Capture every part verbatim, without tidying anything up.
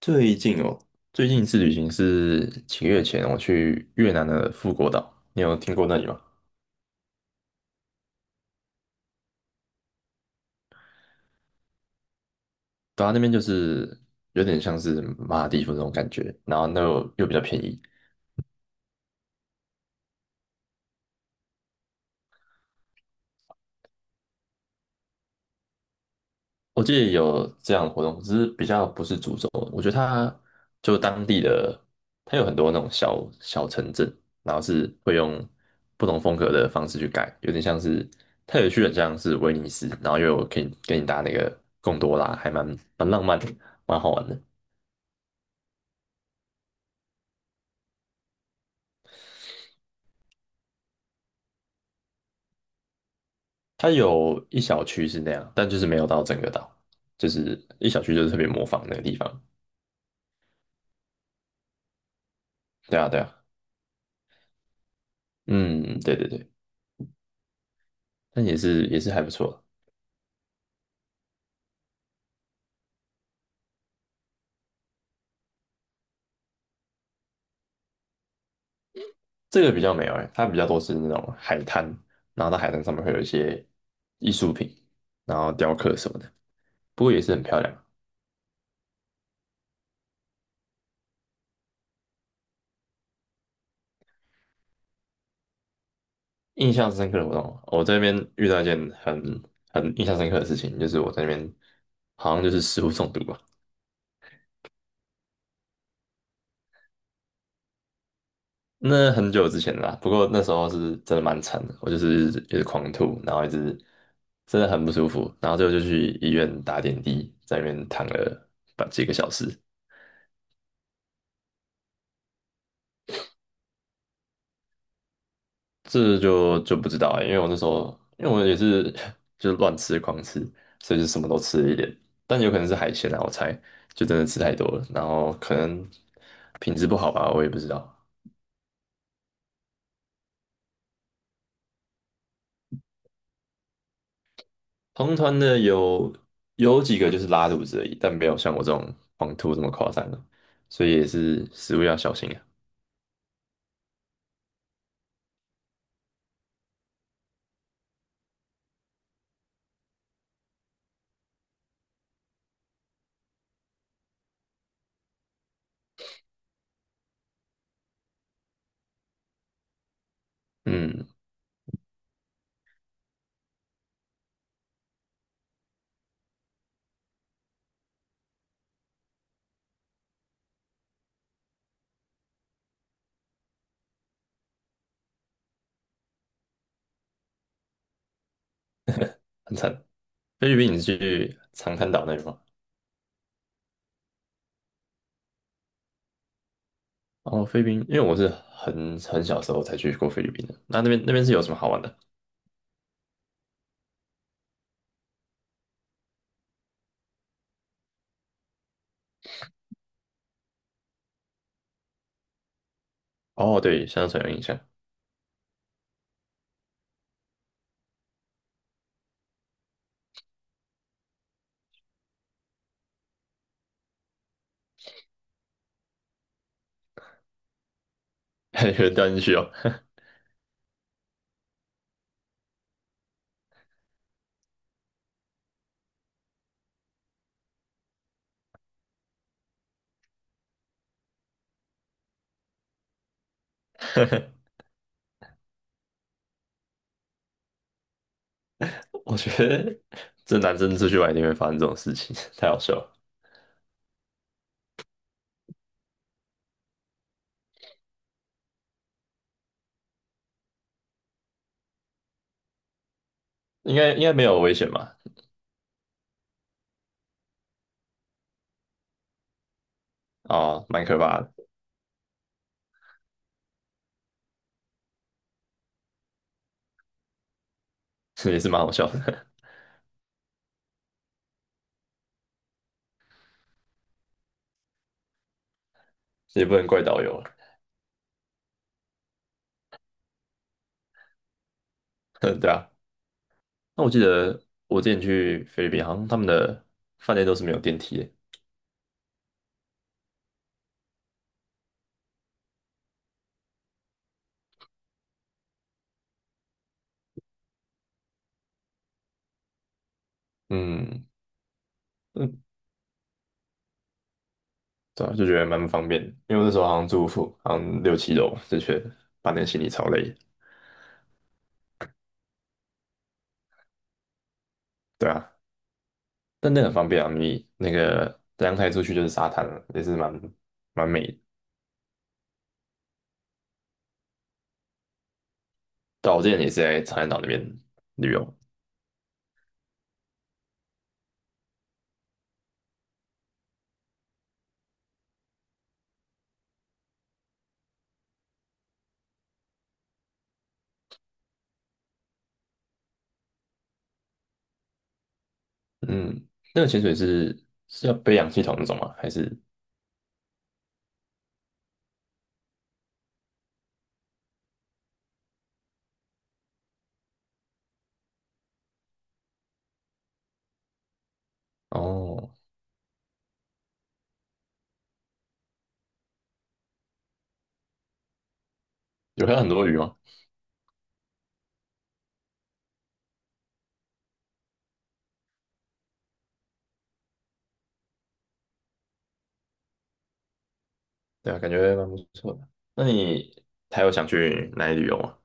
最近哦，最近一次旅行是几个月前，我去越南的富国岛，你有听过那里吗？对啊，那边就是有点像是马尔代夫那种感觉，然后那又又比较便宜。我记得有这样的活动，只是比较不是主轴。我觉得它就当地的，它有很多那种小小城镇，然后是会用不同风格的方式去盖，有点像是它有去很像是威尼斯，然后又有可以给你搭那个贡多拉，还蛮蛮浪漫的，蛮好玩的。它有一小区是那样，但就是没有到整个岛，就是一小区就是特别模仿那个地方。对啊，对啊，嗯，对对对，但也是也是还不错。这个比较没有哎、它比较多是那种海滩，然后到海滩上面会有一些艺术品，然后雕刻什么的，不过也是很漂亮。印象深刻的活动，我这边遇到一件很很印象深刻的事情，就是我在那边好像就是食物中毒吧，那很久之前了啦，不过那时候是真的蛮惨的，我就是一直狂吐，然后一直真的很不舒服，然后最后就去医院打点滴，在那边躺了把几个小时，这就就不知道、欸，因为我那时候因为我也是 就是乱吃狂吃，所以就什么都吃了一点，但有可能是海鲜啊，我猜就真的吃太多了，然后可能品质不好吧，我也不知道，同团的有有几个就是拉肚子而已，但没有像我这种狂吐这么夸张的，所以也是食物要小心啊。嗯，很惨。菲律宾你是去长滩岛那边吗？哦，菲律宾，因为我是很很小时候才去过菲律宾的，那那边那边是有什么好玩的？哦，对，香水有印象，有人掉进去哦。我觉得这男生出去玩一定会发生这种事情，太好笑了。应该应该没有危险吧？啊，蛮可怕的，也是蛮好笑的，也不能怪导游了 对啊，那我记得我之前去菲律宾，好像他们的饭店都是没有电梯的。嗯嗯，对啊，就觉得蛮不方便的，因为我那时候好像住宿，好像六七楼，就觉得搬点行李超累的对啊，但那很方便啊，你那个阳台出去就是沙滩了，也是蛮蛮美的。对啊我之前也是在长滩岛那边旅游。嗯，那个潜水是是要背氧气筒那种吗？还是哦，有看到很多鱼吗？对啊，感觉蛮不错的。那你还有想去哪里旅游吗？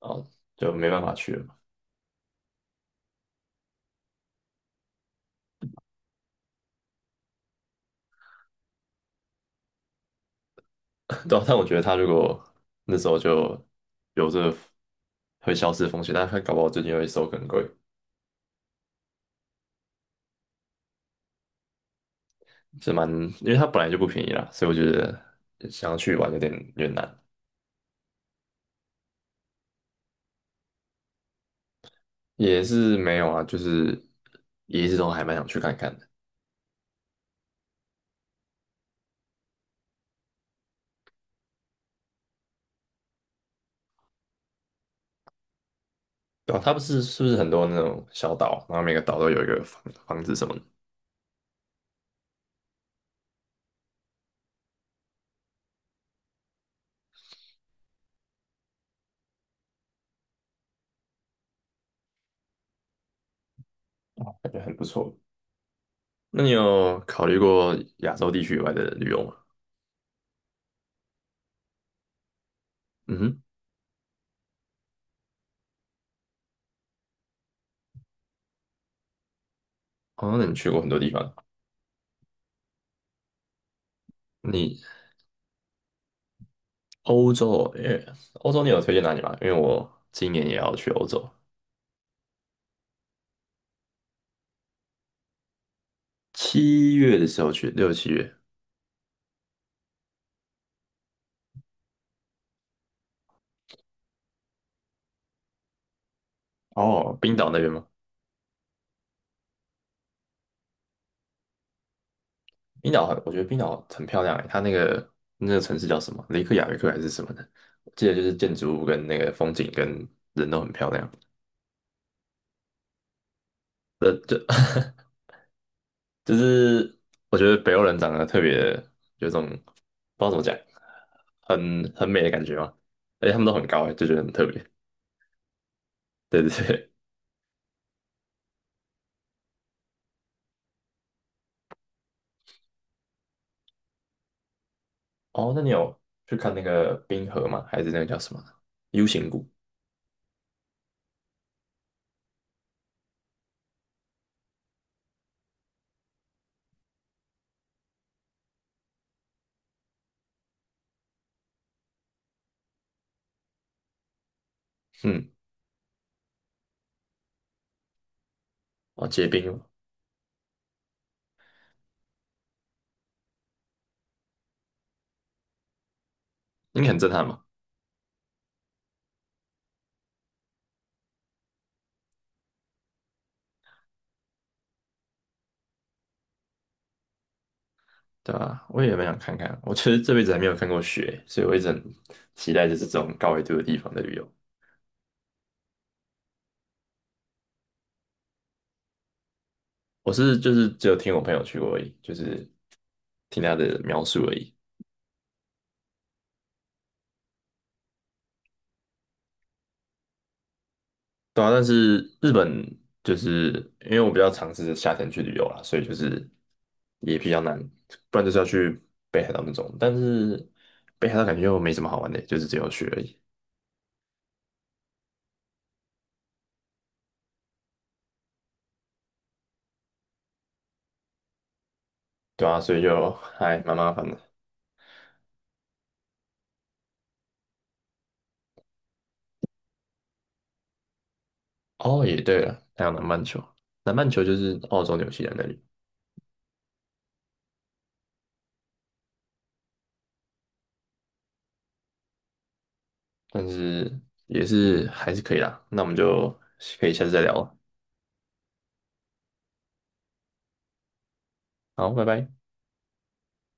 哦，就没办法去了嘛。对啊但我觉得他如果那时候就有这会消失的风险，但他搞不好最近会收更贵，是蛮，因为它本来就不便宜啦，所以我觉得想要去玩有点有点难，也是没有啊，就是也一直都还蛮想去看看的。对啊，它不是是不是很多那种小岛，然后每个岛都有一个房房子什么的，感觉很不错。那你有考虑过亚洲地区以外的旅游吗？嗯哼，那那你去过很多地方。你欧洲，因为欧洲你有推荐哪里吗？因为我今年也要去欧洲，七月的时候去，六七月。哦，冰岛那边吗？冰岛很，我觉得冰岛很漂亮诶，它那个那个城市叫什么？雷克雅未克还是什么的？我记得就是建筑物跟那个风景跟人都很漂亮。呃，就 就是我觉得北欧人长得特别有种不知道怎么讲，很很美的感觉嘛，而且他们都很高诶，就觉得很特别。对对对，哦，那你有去看那个冰河吗？还是那个叫什么 U 型谷？嗯，哦，结冰了，应该很震撼嘛，对吧？我也蛮想看看，我其实这辈子还没有看过雪，所以我一直很期待就是这种高纬度的地方的旅游。我是就是只有听我朋友去过而已，就是听他的描述而已。对啊，但是日本就是因为我比较尝试夏天去旅游啦，所以就是也比较难，不然就是要去北海道那种。但是北海道感觉又没什么好玩的，就是只有雪而已。对啊，所以就还蛮麻烦的。哦，也对了，还有南半球，南半球就是澳洲、纽西兰那里，但是也是还是可以啦。那我们就可以下次再聊了。好，拜拜。